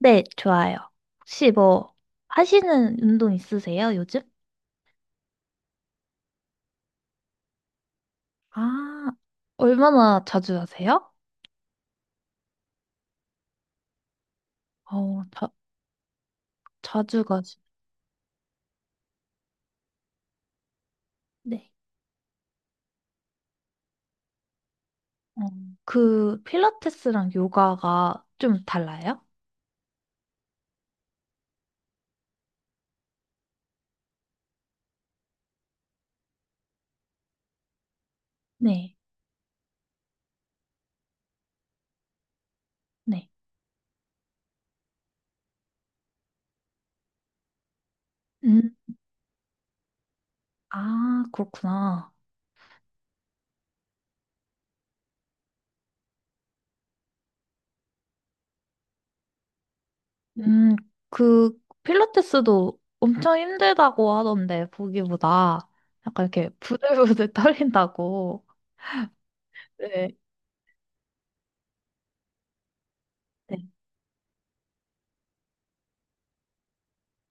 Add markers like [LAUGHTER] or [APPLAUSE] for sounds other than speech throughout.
네, 좋아요. 혹시 뭐 하시는 운동 있으세요, 요즘? 아, 얼마나 자주 하세요? 어, 자주 가시. 네. 어, 그 필라테스랑 요가가 좀 달라요? 네. 네. 음. 아, 그렇구나. 음, 그 필라테스도 엄청 힘들다고 하던데 보기보다 약간 이렇게 부들부들 [LAUGHS] 떨린다고. 네. 네.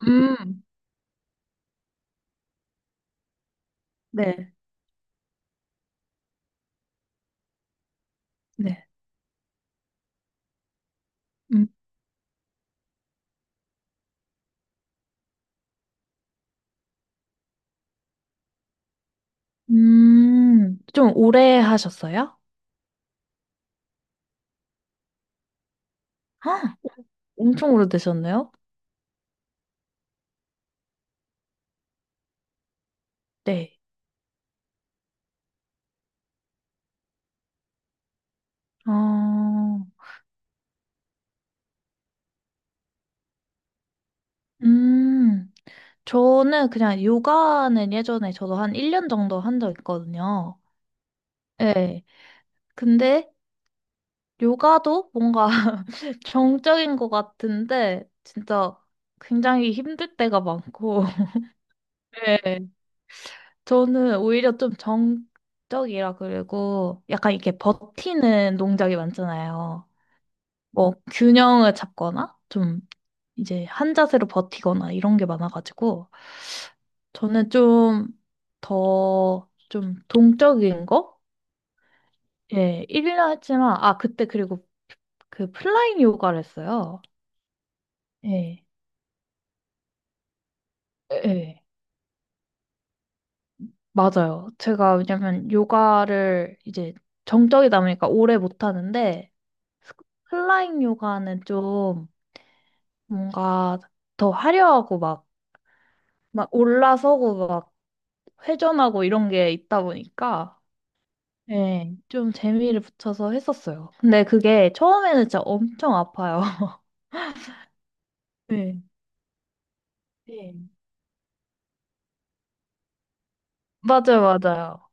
음. 네. 네. 좀 오래 하셨어요? 아, 엄청 오래되셨네요? 네. 어, 음, 저는 그냥 요가는 예전에 저도 한 1년 정도 한 적 있거든요. 네. 근데 요가도 뭔가 [LAUGHS] 정적인 것 같은데 진짜 굉장히 힘들 때가 많고. [LAUGHS] 네. 저는 오히려 좀 정적이라 그리고 약간 이렇게 버티는 동작이 많잖아요. 뭐 균형을 잡거나 좀 이제 한 자세로 버티거나 이런 게 많아가지고 저는 좀 더 좀 동적인 거? 예, 1년 했지만 아 그때 그리고 그 플라잉 요가를 했어요. 예. 예. 맞아요. 제가 왜냐면 요가를 이제 정적이다 보니까 오래 못 하는데 플라잉 요가는 좀 뭔가 더 화려하고 막 막 올라서고 회전하고 이런 게 있다 보니까 네. 좀 재미를 붙여서 했었어요. 근데 그게 처음에는 진짜 엄청 아파요. [LAUGHS] 네. 네. 맞아요, 맞아요.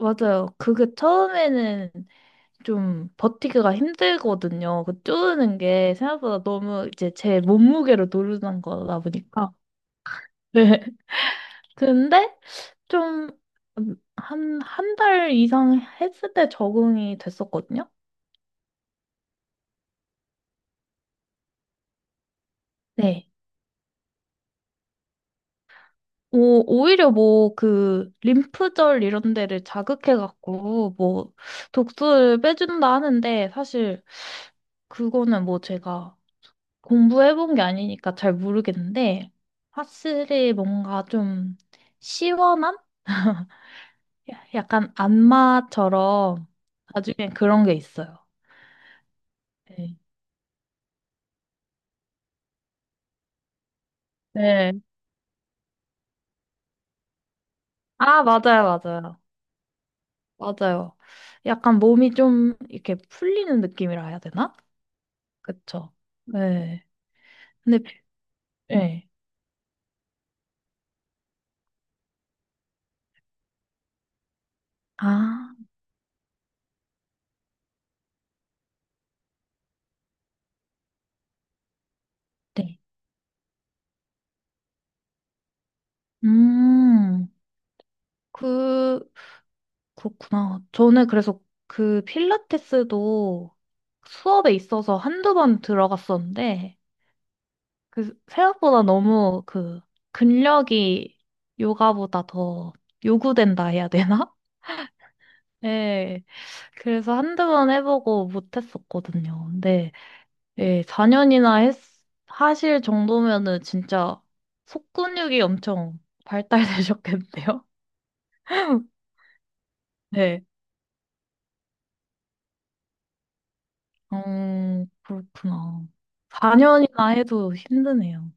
맞아요. 그게 처음에는 좀 버티기가 힘들거든요. 그 쪼는 게 생각보다 너무 이제 제 몸무게로 누르는 거다 보니까. 네. [LAUGHS] 근데 좀 한, 한 달 이상 했을 때 적응이 됐었거든요. 네. 오, 오히려 뭐, 그, 림프절 이런 데를 자극해갖고, 뭐, 독소를 빼준다 하는데, 사실, 그거는 뭐 제가 공부해본 게 아니니까 잘 모르겠는데, 확실히 뭔가 좀 시원한? [LAUGHS] 약간 안마처럼, 나중에 그런 게 있어요. 네. 네. 아, 맞아요, 맞아요. 맞아요. 약간 몸이 좀 이렇게 풀리는 느낌이라 해야 되나? 그쵸. 네. 근데, 예. 아, 네. 음, 그, 그렇구나. 저는 그래서 그 필라테스도 수업에 있어서 한두 번 들어갔었는데, 그, 생각보다 너무 그, 근력이 요가보다 더 요구된다 해야 되나? [LAUGHS] 예, 그래서 한두 번 해보고 못했었거든요. 근데, 예, 4년이나 하실 정도면은 진짜 속근육이 엄청 발달되셨겠네요. 네. 어, 그렇구나. 4년이나 해도 힘드네요.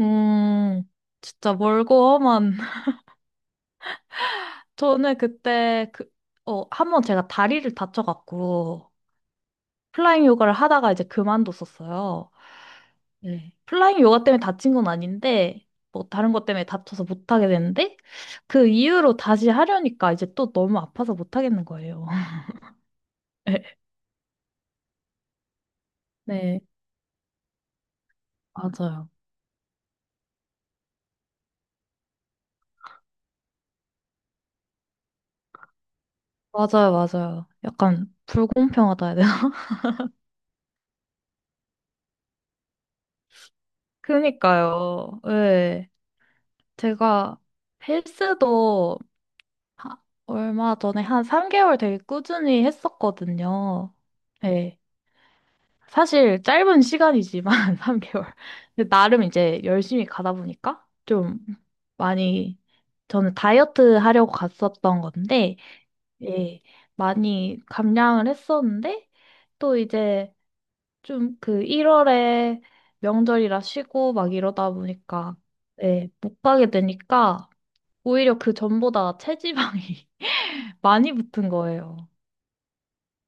음, 진짜 멀고 험한. [LAUGHS] 저는 그때 그, 어, 한 번 제가 다리를 다쳐갖고 플라잉 요가를 하다가 이제 그만뒀었어요. 네. 플라잉 요가 때문에 다친 건 아닌데, 뭐 다른 것 때문에 다쳐서 못하게 됐는데, 그 이후로 다시 하려니까 이제 또 너무 아파서 못하겠는 거예요. [LAUGHS] 네, 네, 맞아요. 맞아요, 맞아요. 약간 불공평하다 해야 되나? 그니까요. 예. 제가 헬스도 하- 얼마 전에 한 3개월 되게 꾸준히 했었거든요. 예. 사실 짧은 시간이지만 [LAUGHS] 3개월. 근데 나름 이제 열심히 가다 보니까 좀 많이, 저는 다이어트 하려고 갔었던 건데 예. 많이 감량을 했었는데 또 이제 좀 그 1월에 명절이라 쉬고 막 이러다 보니까 네, 못 가게 되니까 오히려 그 전보다 체지방이 [LAUGHS] 많이 붙은 거예요.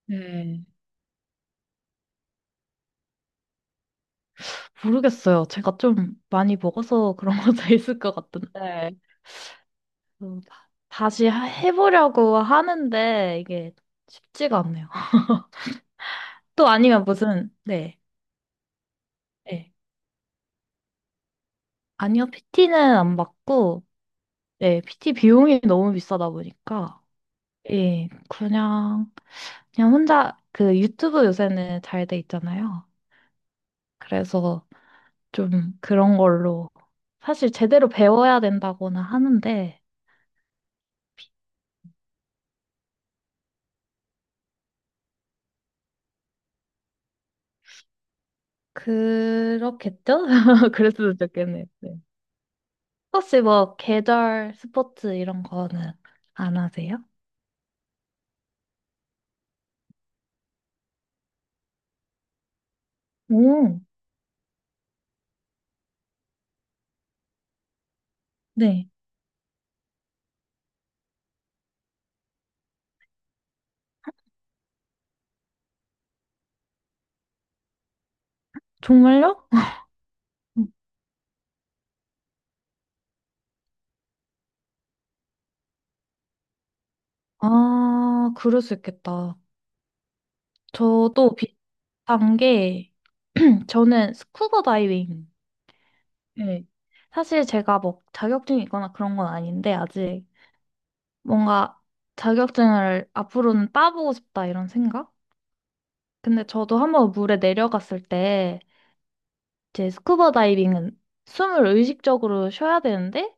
네. 모르겠어요. 제가 좀 많이 먹어서 그런 것도 [LAUGHS] 있을 것 같은데 다시 해보려고 하는데 이게 쉽지가 않네요. [LAUGHS] 또 아니면 무슨 네, 네. 아니요, PT는 안 받고 네 PT 비용이 너무 비싸다 보니까 예, 그냥, 그냥 혼자 그 유튜브 요새는 잘 돼 있잖아요. 그래서 좀 그런 걸로 사실 제대로 배워야 된다고는 하는데, 그렇겠죠? [LAUGHS] 그랬으면 좋겠네요. 네. 혹시 뭐 계절 스포츠 이런 거는 안 하세요? 오, 네. 정말요? [LAUGHS] 아, 그럴 수 있겠다. 저도 비슷한 게, [CLEARS THROAT] 저는 스쿠버 다이빙. 네. 사실 제가 뭐 자격증이 있거나 그런 건 아닌데, 아직 뭔가 자격증을 앞으로는 따보고 싶다 이런 생각? 근데 저도 한번 물에 내려갔을 때, 이제 스쿠버 다이빙은 숨을 의식적으로 쉬어야 되는데,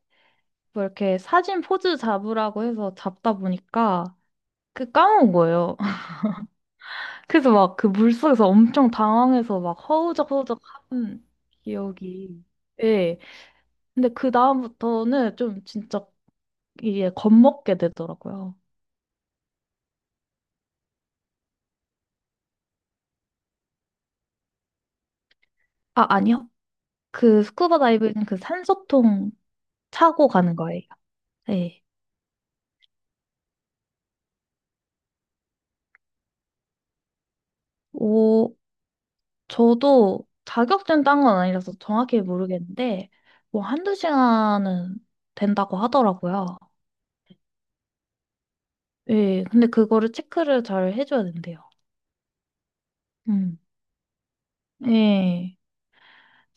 뭐 이렇게 사진 포즈 잡으라고 해서 잡다 보니까 그 까먹은 거예요. [LAUGHS] 그래서 막 그 물속에서 엄청 당황해서 막 허우적허우적 한 기억이. 예. 근데 그 다음부터는 좀 진짜 이게 겁먹게 되더라고요. 아, 아니요. 그 스쿠버 다이빙은 그 산소통 차고 가는 거예요. 네. 오, 저도 자격증 딴 건 아니라서 정확히 모르겠는데, 뭐 한두 시간은 된다고 하더라고요. 예, 근데 그거를 체크를 잘 해줘야 된대요. 음. 예.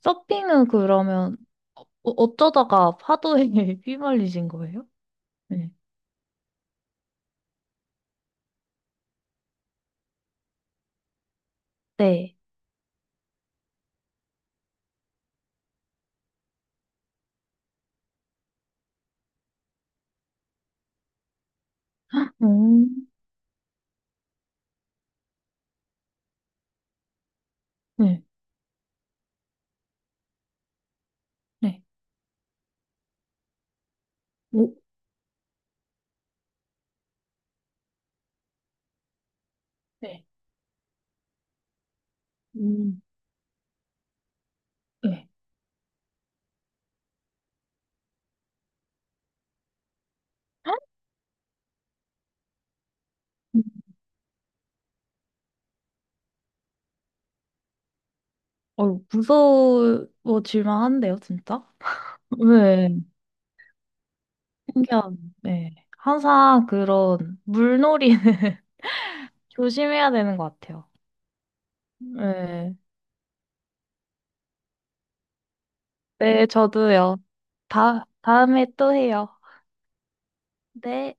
서핑은 그러면 어, 어쩌다가 파도에 [LAUGHS] 휘말리신 거예요? 네. 네. 음. 네. 네. 오. 네. 음. 네. 어, 무서워질만 한데요, 진짜? 네. 신기한. 네. 항상 그런 물놀이는 [LAUGHS] 조심해야 되는 것 같아요. 네. 네, 저도요. 다음에 또 해요. 네.